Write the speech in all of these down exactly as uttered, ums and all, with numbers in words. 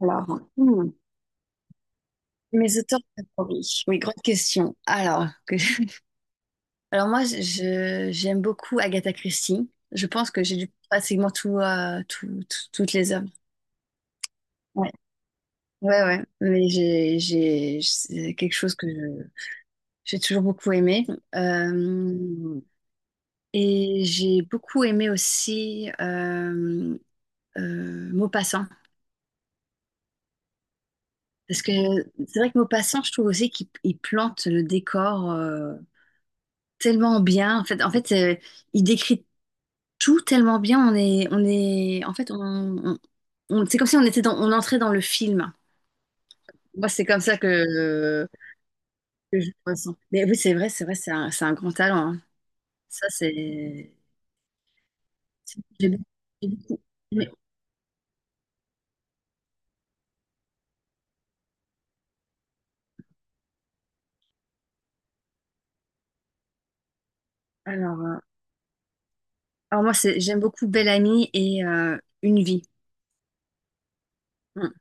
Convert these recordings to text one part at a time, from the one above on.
Alors, hmm, mes auteurs favoris. Oui, grande question. Alors, que- alors moi, je, j'aime beaucoup Agatha Christie. Je pense que j'ai lu pratiquement tout, euh, tout, tout- toutes les œuvres. Ouais, ouais, ouais. Mais j'ai, j'ai, c'est quelque chose que je- j'ai toujours beaucoup aimé. Euh, et j'ai beaucoup aimé aussi euh, euh, Maupassant. Parce que c'est vrai que Maupassant, je trouve aussi qu'il il plante le décor, euh, tellement bien. En fait, en fait, euh, il décrit tout tellement bien. On est, on est, en fait, on, on- on- c'est comme si on était dans, on entrait dans le film. Moi, c'est comme ça que, que je le ressens. Mais oui, c'est vrai, c'est vrai, c'est un, c'est un grand talent, hein. Ça, c'est, c'est- j'ai beaucoup. j'ai beaucoup- mais alors, euh, alors moi, c'est, j'aime beaucoup Belle Amie et euh, Une vie. Hum.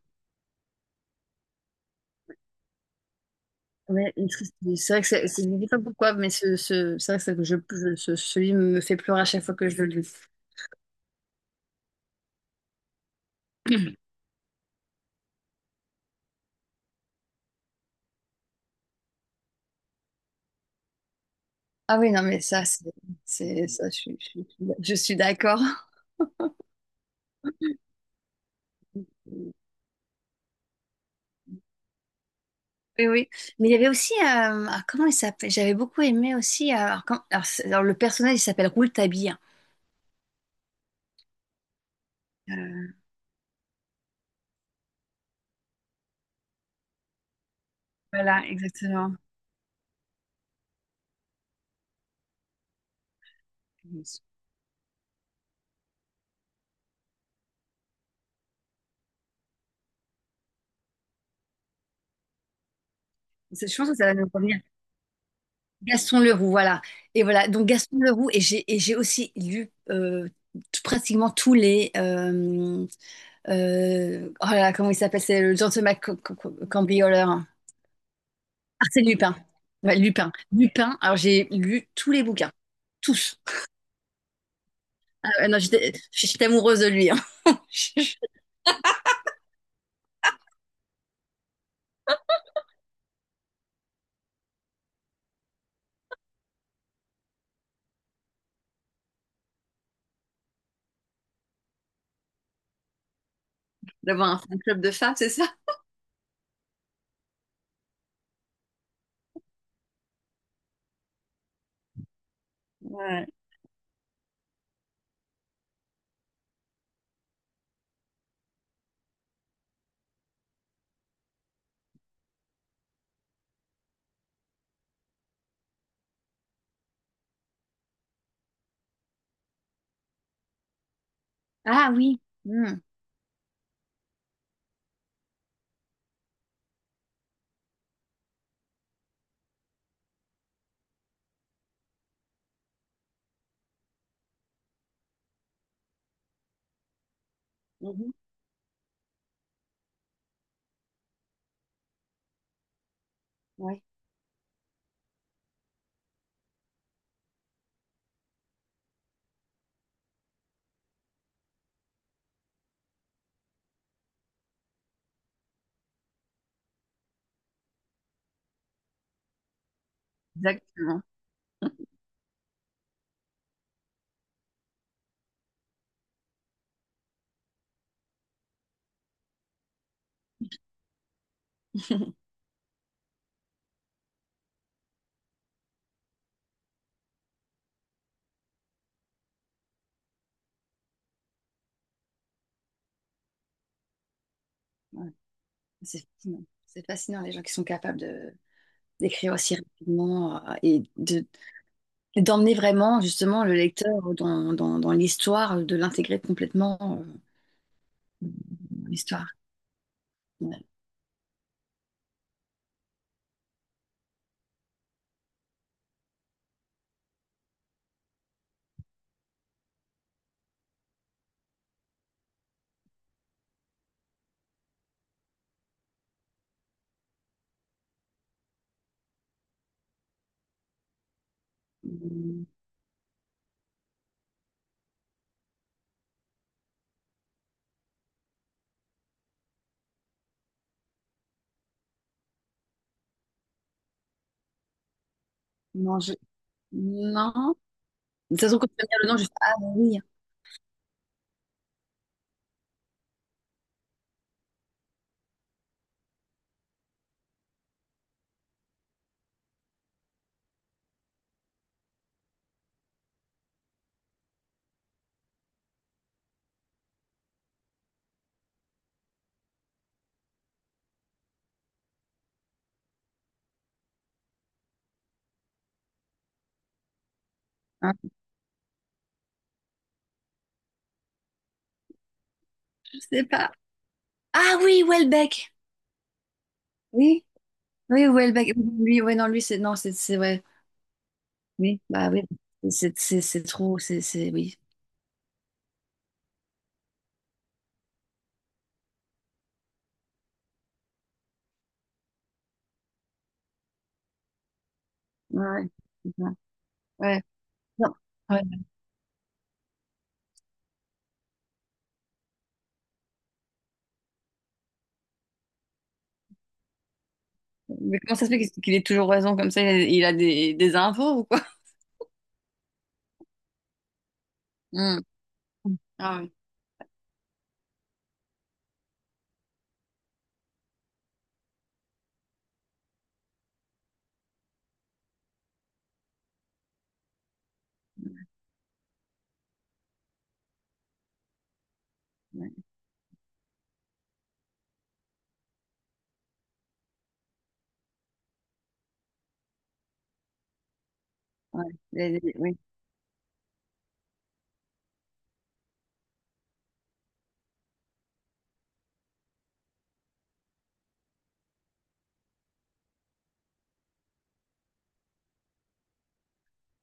Ouais, une triste vie. C'est vrai que c'est, c'est- je ne sais pas pourquoi, mais ce, ce- c'est vrai que, c'est que je, je- ce- celui me fait pleurer à chaque fois que je le lis. Ah oui, non, mais ça, c'est, c'est- ça, je, suis je suis- je suis d'accord. Oui, oui. Mais il y avait aussi, euh, ah, comment il s'appelle? J'avais beaucoup aimé aussi, euh, alors, quand- alors, c'est- alors, le personnage, il s'appelle Rouletabille. Euh, voilà, exactement. C'est- Je pense que ça va nous revenir. Gaston Leroux, voilà. Et voilà, donc Gaston Leroux, et j'ai et j'ai aussi lu euh, tout- pratiquement tous les... euh, euh, oh là là, comment il s'appelle? C'est le gentleman cam- cam- cambrioleur. Arsène Lupin. Ouais, Lupin. Lupin. Alors, j'ai lu tous les bouquins. Tous. Ah, ouais, non, j'étais j'étais amoureuse de lui, hein. D'avoir un fan club de femmes, c'est ça? Ouais. Ah oui. Hmm. Mhm. Ouais, exactement. Ouais. C'est fascinant. C'est fascinant, les gens qui sont capables de d'écrire aussi rapidement euh, et de d'emmener vraiment justement le lecteur dans, dans, dans l'histoire, de l'intégrer complètement, euh, dans l'histoire. Ouais. Non, je... non. De toute façon, quand tu vas me dire le nom, je fais: ah bah oui, hein, je sais pas. Ah oui, Welbeck. Oui, oui, Welbeck. Lui, ouais, non, lui, c'est non, c'est c'est ouais. Oui, bah oui. C'est c'est c'est trop, c'est c'est oui. Ouais, ouais, c'est ça. Ouais. Non. Ouais. Mais comment ça se fait qu'il qu'il ait toujours raison comme ça? Il a, il a des, des infos ou quoi? Hmm. Ah oui. Ouais. Ouais. Il a des- oui.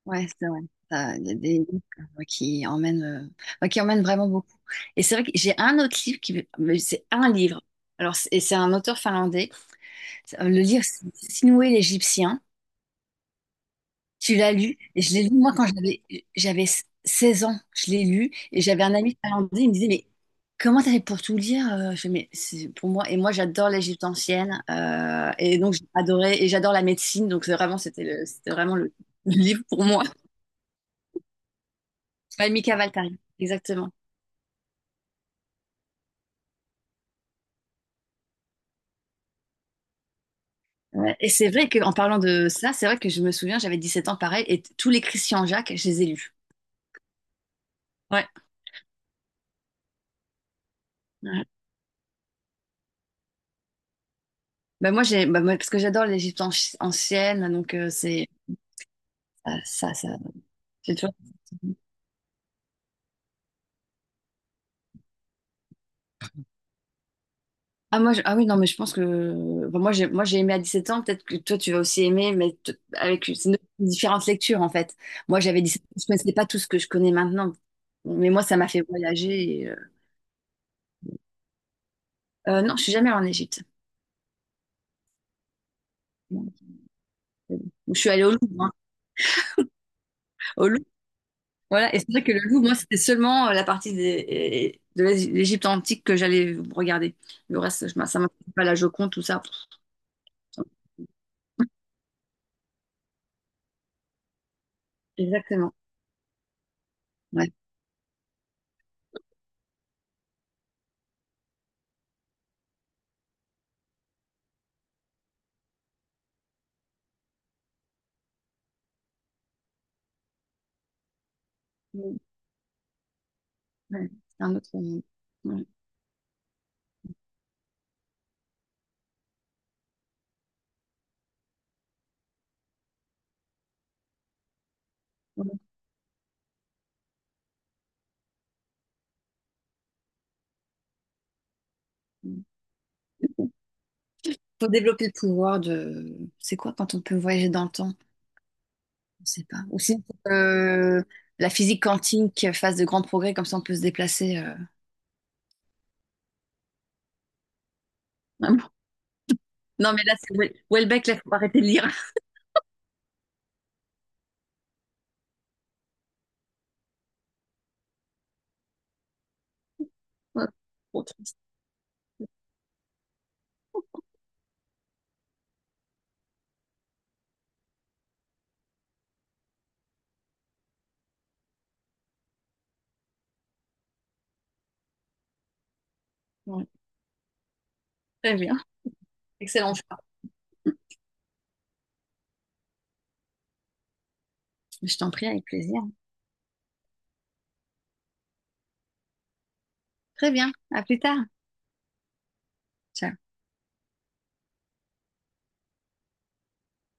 Ouais, c'est vrai. Ça, il y a des livres comme ça qui emmènent, euh, ouais, qui emmènent vraiment beaucoup. Et c'est vrai que j'ai un autre livre qui, mais c'est un livre. Alors, c'est- et c'est un auteur finlandais. C'est- euh, Le livre, c'est Sinuhe l'Égyptien. Tu l'as lu. Et je l'ai lu, moi, quand j'avais, j'avais seize ans. Je l'ai lu. Et j'avais un ami finlandais. Il me disait, mais comment t'avais pour tout lire? Euh, Je fais, mais c'est pour moi. Et moi, j'adore l'Égypte ancienne, euh, et donc, j'ai adoré. Et j'adore la médecine. Donc, c'est vraiment, c'était le- c'était vraiment le le livre pour moi. Ouais, Mika Waltari, exactement. Ouais, et c'est vrai qu'en parlant de ça, c'est vrai que je me souviens, j'avais dix-sept ans pareil, et t- tous les Christian Jacques, je les ai lus. Ouais, ouais. Bah, moi, j'ai, bah, moi, parce que j'adore l'Égypte anci- ancienne, donc euh, c'est ah, ça, ça. J'ai toujours- ah, moi, je- ah oui, non, mais je pense que, bah, moi, j'ai moi, j'ai aimé à dix-sept ans, peut-être que toi, tu vas aussi aimer, mais t- avec c'est une- différentes lectures, en fait. Moi, j'avais dix-sept ans, je ne connaissais pas tout ce que je connais maintenant, mais moi, ça m'a fait voyager, et, euh, euh, non, je suis jamais allée en Égypte. Non, c'est bon. Je suis allée au Louvre, hein. Au... voilà, et c'est vrai que le Louvre, moi, c'était seulement euh, la partie des- de l'Égy- l'Égypte antique que j'allais regarder. Le reste, je m'a- ça m'intéresse pas, la Joconde, tout ça. Exactement. Ouais. Mm, ouais, c'est un autre monde. Ouais. Ouais. Faut développer le pouvoir de... C'est quoi quand on peut voyager dans le temps? Je sais pas. Aussi, euh, la physique quantique fasse de grands progrès, comme ça on peut se déplacer. Euh. Ah bon. Non, mais là, c'est Houel- Houellebecq, là, faut arrêter de lire. Ouais, trop triste. Ouais. Très bien. Excellent choix. Je t'en prie, avec plaisir. Très bien, à plus tard. Ciao.